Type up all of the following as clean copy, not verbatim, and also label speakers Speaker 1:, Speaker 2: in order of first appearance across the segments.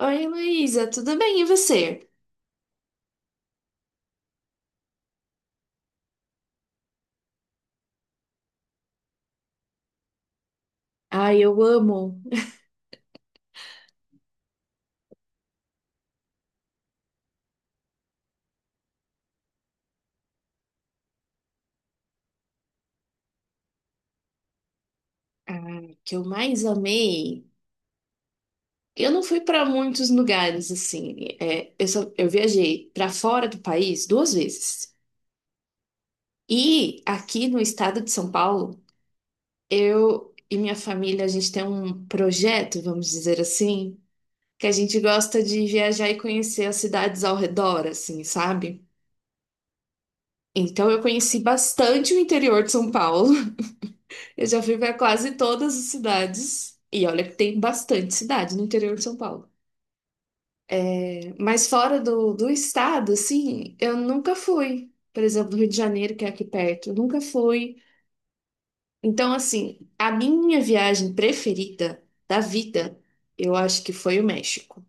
Speaker 1: Oi, Heloísa, tudo bem? E você? Ai, eu amo. O que eu mais amei. Eu não fui para muitos lugares assim. Eu viajei para fora do país duas vezes. E aqui no estado de São Paulo, eu e minha família, a gente tem um projeto, vamos dizer assim, que a gente gosta de viajar e conhecer as cidades ao redor, assim, sabe? Então eu conheci bastante o interior de São Paulo. Eu já fui para quase todas as cidades. E olha que tem bastante cidade no interior de São Paulo. Mas fora do estado, assim, eu nunca fui. Por exemplo, no Rio de Janeiro, que é aqui perto, eu nunca fui. Então, assim, a minha viagem preferida da vida, eu acho que foi o México.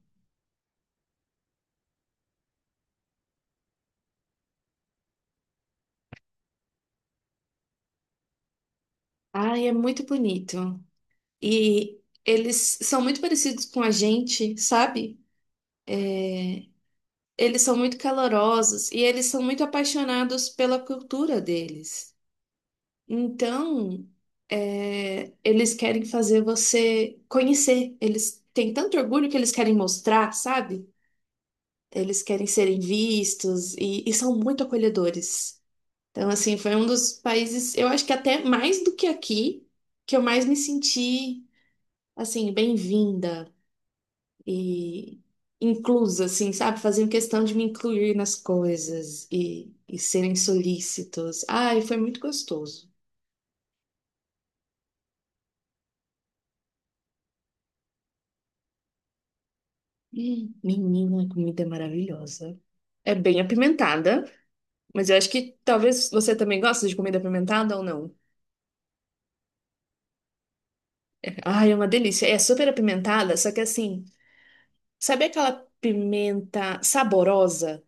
Speaker 1: Ai, é muito bonito. E eles são muito parecidos com a gente, sabe? Eles são muito calorosos e eles são muito apaixonados pela cultura deles. Então, eles querem fazer você conhecer. Eles têm tanto orgulho que eles querem mostrar, sabe? Eles querem serem vistos e são muito acolhedores. Então, assim, foi um dos países, eu acho que até mais do que aqui, que eu mais me senti, assim, bem-vinda e inclusa, assim, sabe? Faziam questão de me incluir nas coisas e serem solícitos. Ai, foi muito gostoso. Menina, a comida é maravilhosa. É bem apimentada, mas eu acho que talvez você também goste de comida apimentada ou não. Ai, é uma delícia. É super apimentada, só que assim, sabe aquela pimenta saborosa?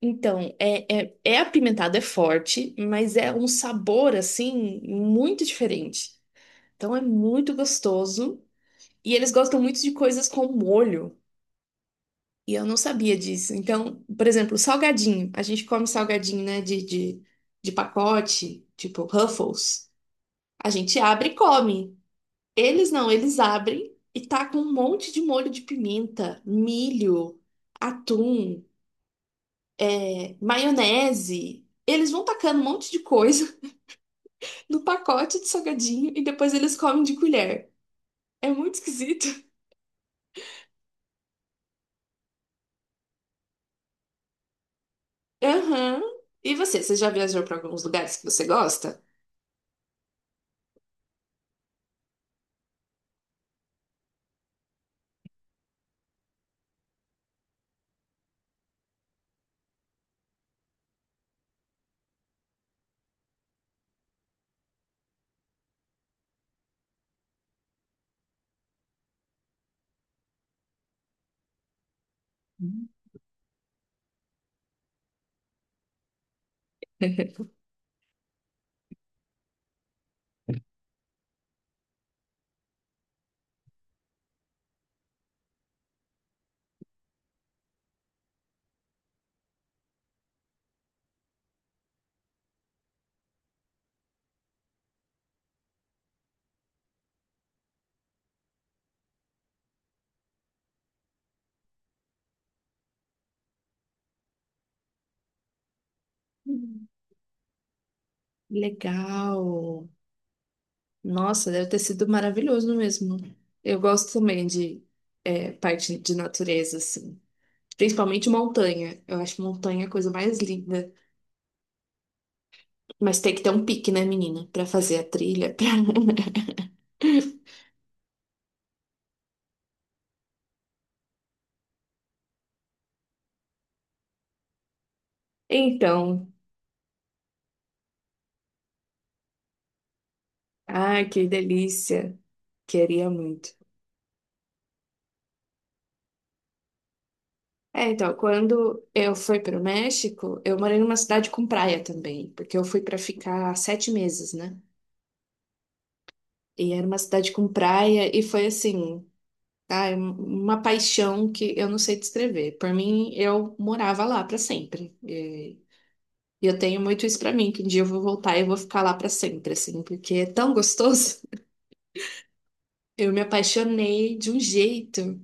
Speaker 1: Então, é apimentado, é forte, mas é um sabor, assim, muito diferente. Então é muito gostoso. E eles gostam muito de coisas com molho. E eu não sabia disso. Então, por exemplo, salgadinho. A gente come salgadinho, né? De pacote, tipo Ruffles. A gente abre e come. Eles não, eles abrem e tá com um monte de molho de pimenta, milho, atum, maionese. Eles vão tacando um monte de coisa no pacote de salgadinho e depois eles comem de colher. É muito esquisito. Aham. E você já viajou para alguns lugares que você gosta? Hum, Legal. Nossa, deve ter sido maravilhoso mesmo. Eu gosto também de parte de natureza, assim. Principalmente montanha. Eu acho montanha a coisa mais linda. Mas tem que ter um pique, né, menina? Pra fazer a trilha. Então, ai, que delícia. Queria muito. É, então, quando eu fui para o México, eu morei numa cidade com praia também, porque eu fui para ficar 7 meses, né? E era uma cidade com praia e foi assim, ai, uma paixão que eu não sei descrever. Por mim, eu morava lá para sempre. E eu tenho muito isso para mim, que um dia eu vou voltar e eu vou ficar lá para sempre, assim, porque é tão gostoso. Eu me apaixonei de um jeito.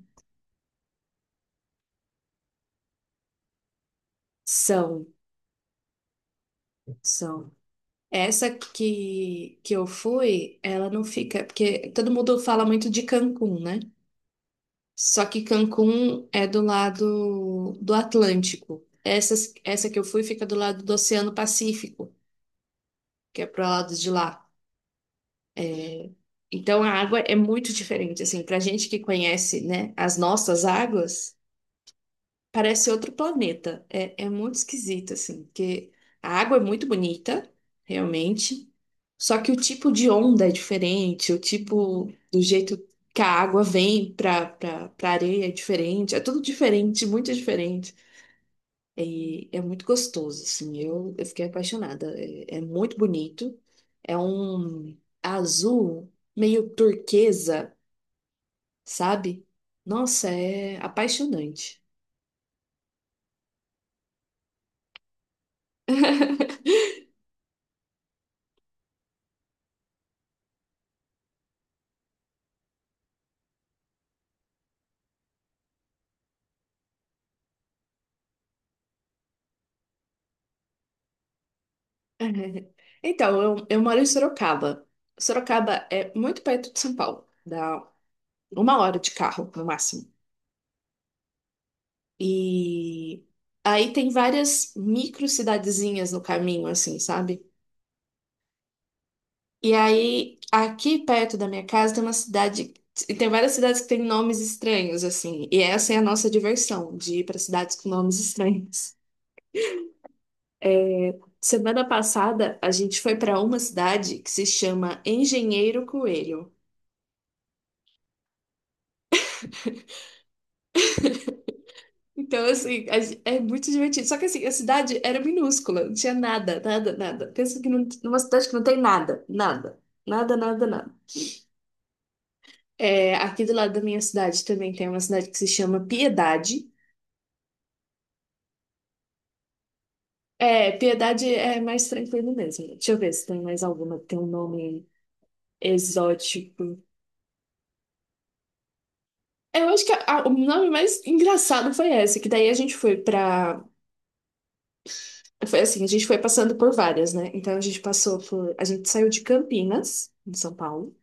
Speaker 1: São, são. Essa que eu fui, ela não fica. Porque todo mundo fala muito de Cancún, né? Só que Cancún é do lado do Atlântico. Essa que eu fui fica do lado do Oceano Pacífico, que é pro lado de lá. É. Então a água é muito diferente. Assim, pra gente que conhece, né, as nossas águas. Parece outro planeta. É muito esquisito, assim, porque a água é muito bonita, realmente. Só que o tipo de onda é diferente, o tipo do jeito que a água vem pra areia é diferente. É tudo diferente, muito diferente. E é muito gostoso, assim. Eu fiquei apaixonada. É muito bonito. É um azul meio turquesa, sabe? Nossa, é apaixonante. Então, eu moro em Sorocaba. Sorocaba é muito perto de São Paulo, dá uma hora de carro, no máximo. E aí tem várias micro cidadezinhas no caminho, assim, sabe? E aí, aqui perto da minha casa tem uma cidade, e tem várias cidades que têm nomes estranhos, assim, e essa é a nossa diversão, de ir para cidades com nomes estranhos. Semana passada, a gente foi para uma cidade que se chama Engenheiro Coelho. Então, assim, a é muito divertido. Só que, assim, a cidade era minúscula, não tinha nada, nada, nada. Pensa que não, numa cidade que não tem nada, nada, nada, nada, nada. Aqui do lado da minha cidade também tem uma cidade que se chama Piedade. É, Piedade é mais tranquilo mesmo. Deixa eu ver se tem mais alguma que tem um nome exótico. É, eu acho que o nome mais engraçado foi esse, que daí a gente foi pra. Foi assim, a gente foi passando por várias, né? Então a gente passou por. A gente saiu de Campinas, em São Paulo.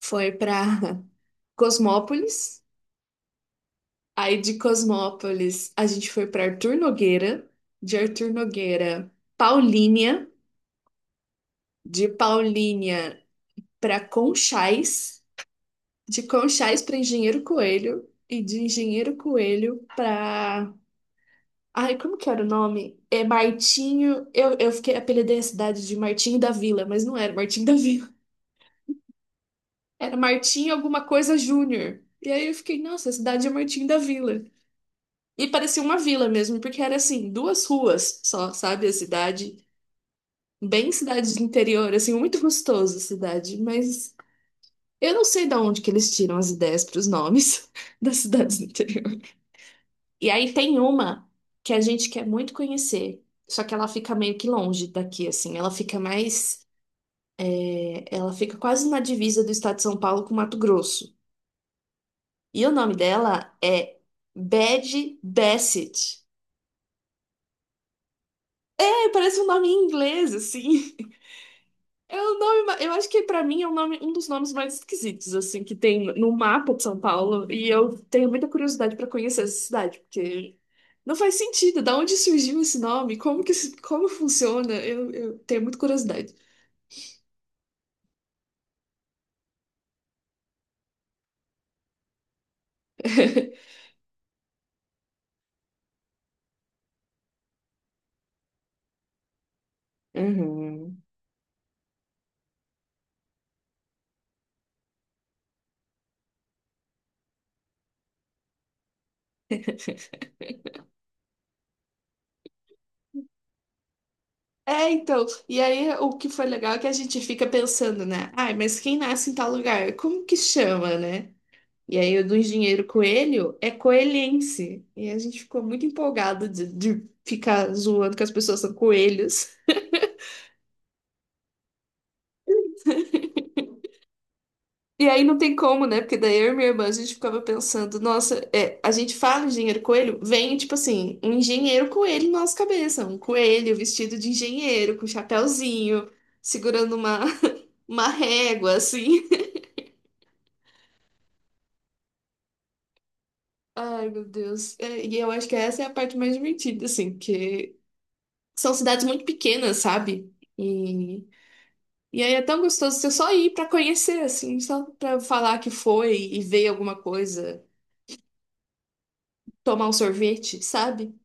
Speaker 1: Foi para Cosmópolis. Aí de Cosmópolis a gente foi para Arthur Nogueira, de Arthur Nogueira, Paulínia, de Paulínia para Conchais, de Conchais para Engenheiro Coelho e de Engenheiro Coelho para. Ai, como que era o nome? É Martinho. Eu fiquei apelidei a cidade de Martinho da Vila, mas não era Martinho da Vila. Era Martinho alguma coisa Júnior. E aí eu fiquei, nossa, a cidade é Martinho da Vila. E parecia uma vila mesmo, porque era assim, duas ruas só, sabe? A cidade, bem cidade de interior, assim, muito gostoso a cidade, mas eu não sei de onde que eles tiram as ideias para os nomes das cidades do interior. E aí tem uma que a gente quer muito conhecer, só que ela fica meio que longe daqui, assim, ela fica quase na divisa do estado de São Paulo com Mato Grosso. E o nome dela é Bad Bassett. É, parece um nome em inglês, assim. É o nome, eu acho que pra mim é um nome, um dos nomes mais esquisitos assim que tem no mapa de São Paulo e eu tenho muita curiosidade pra conhecer essa cidade porque não faz sentido. Da onde surgiu esse nome? Como que como funciona? Eu tenho muita curiosidade. Uhum. É, então, e aí o que foi legal é que a gente fica pensando, né? Ai, mas quem nasce em tal lugar? Como que chama, né? E aí, o do engenheiro Coelho é coelhense. E a gente ficou muito empolgado de ficar zoando que as pessoas são coelhos. E aí não tem como, né? Porque daí eu e minha irmã a gente ficava pensando, nossa, é, a gente fala engenheiro coelho, vem tipo assim, um engenheiro coelho na nossa cabeça, um coelho vestido de engenheiro, com chapéuzinho, segurando uma, uma régua, assim. Ai, meu Deus. É, e eu acho que essa é a parte mais divertida, assim, que são cidades muito pequenas, sabe? E E aí é tão gostoso você só ir pra conhecer, assim, só pra falar que foi e ver alguma coisa, tomar um sorvete, sabe?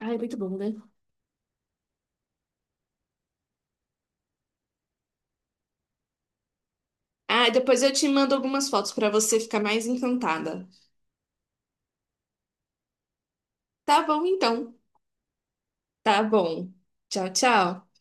Speaker 1: Ah, é muito bom, né? Ah, depois eu te mando algumas fotos pra você ficar mais encantada. Tá bom, então. Tá bom. Tchau, tchau.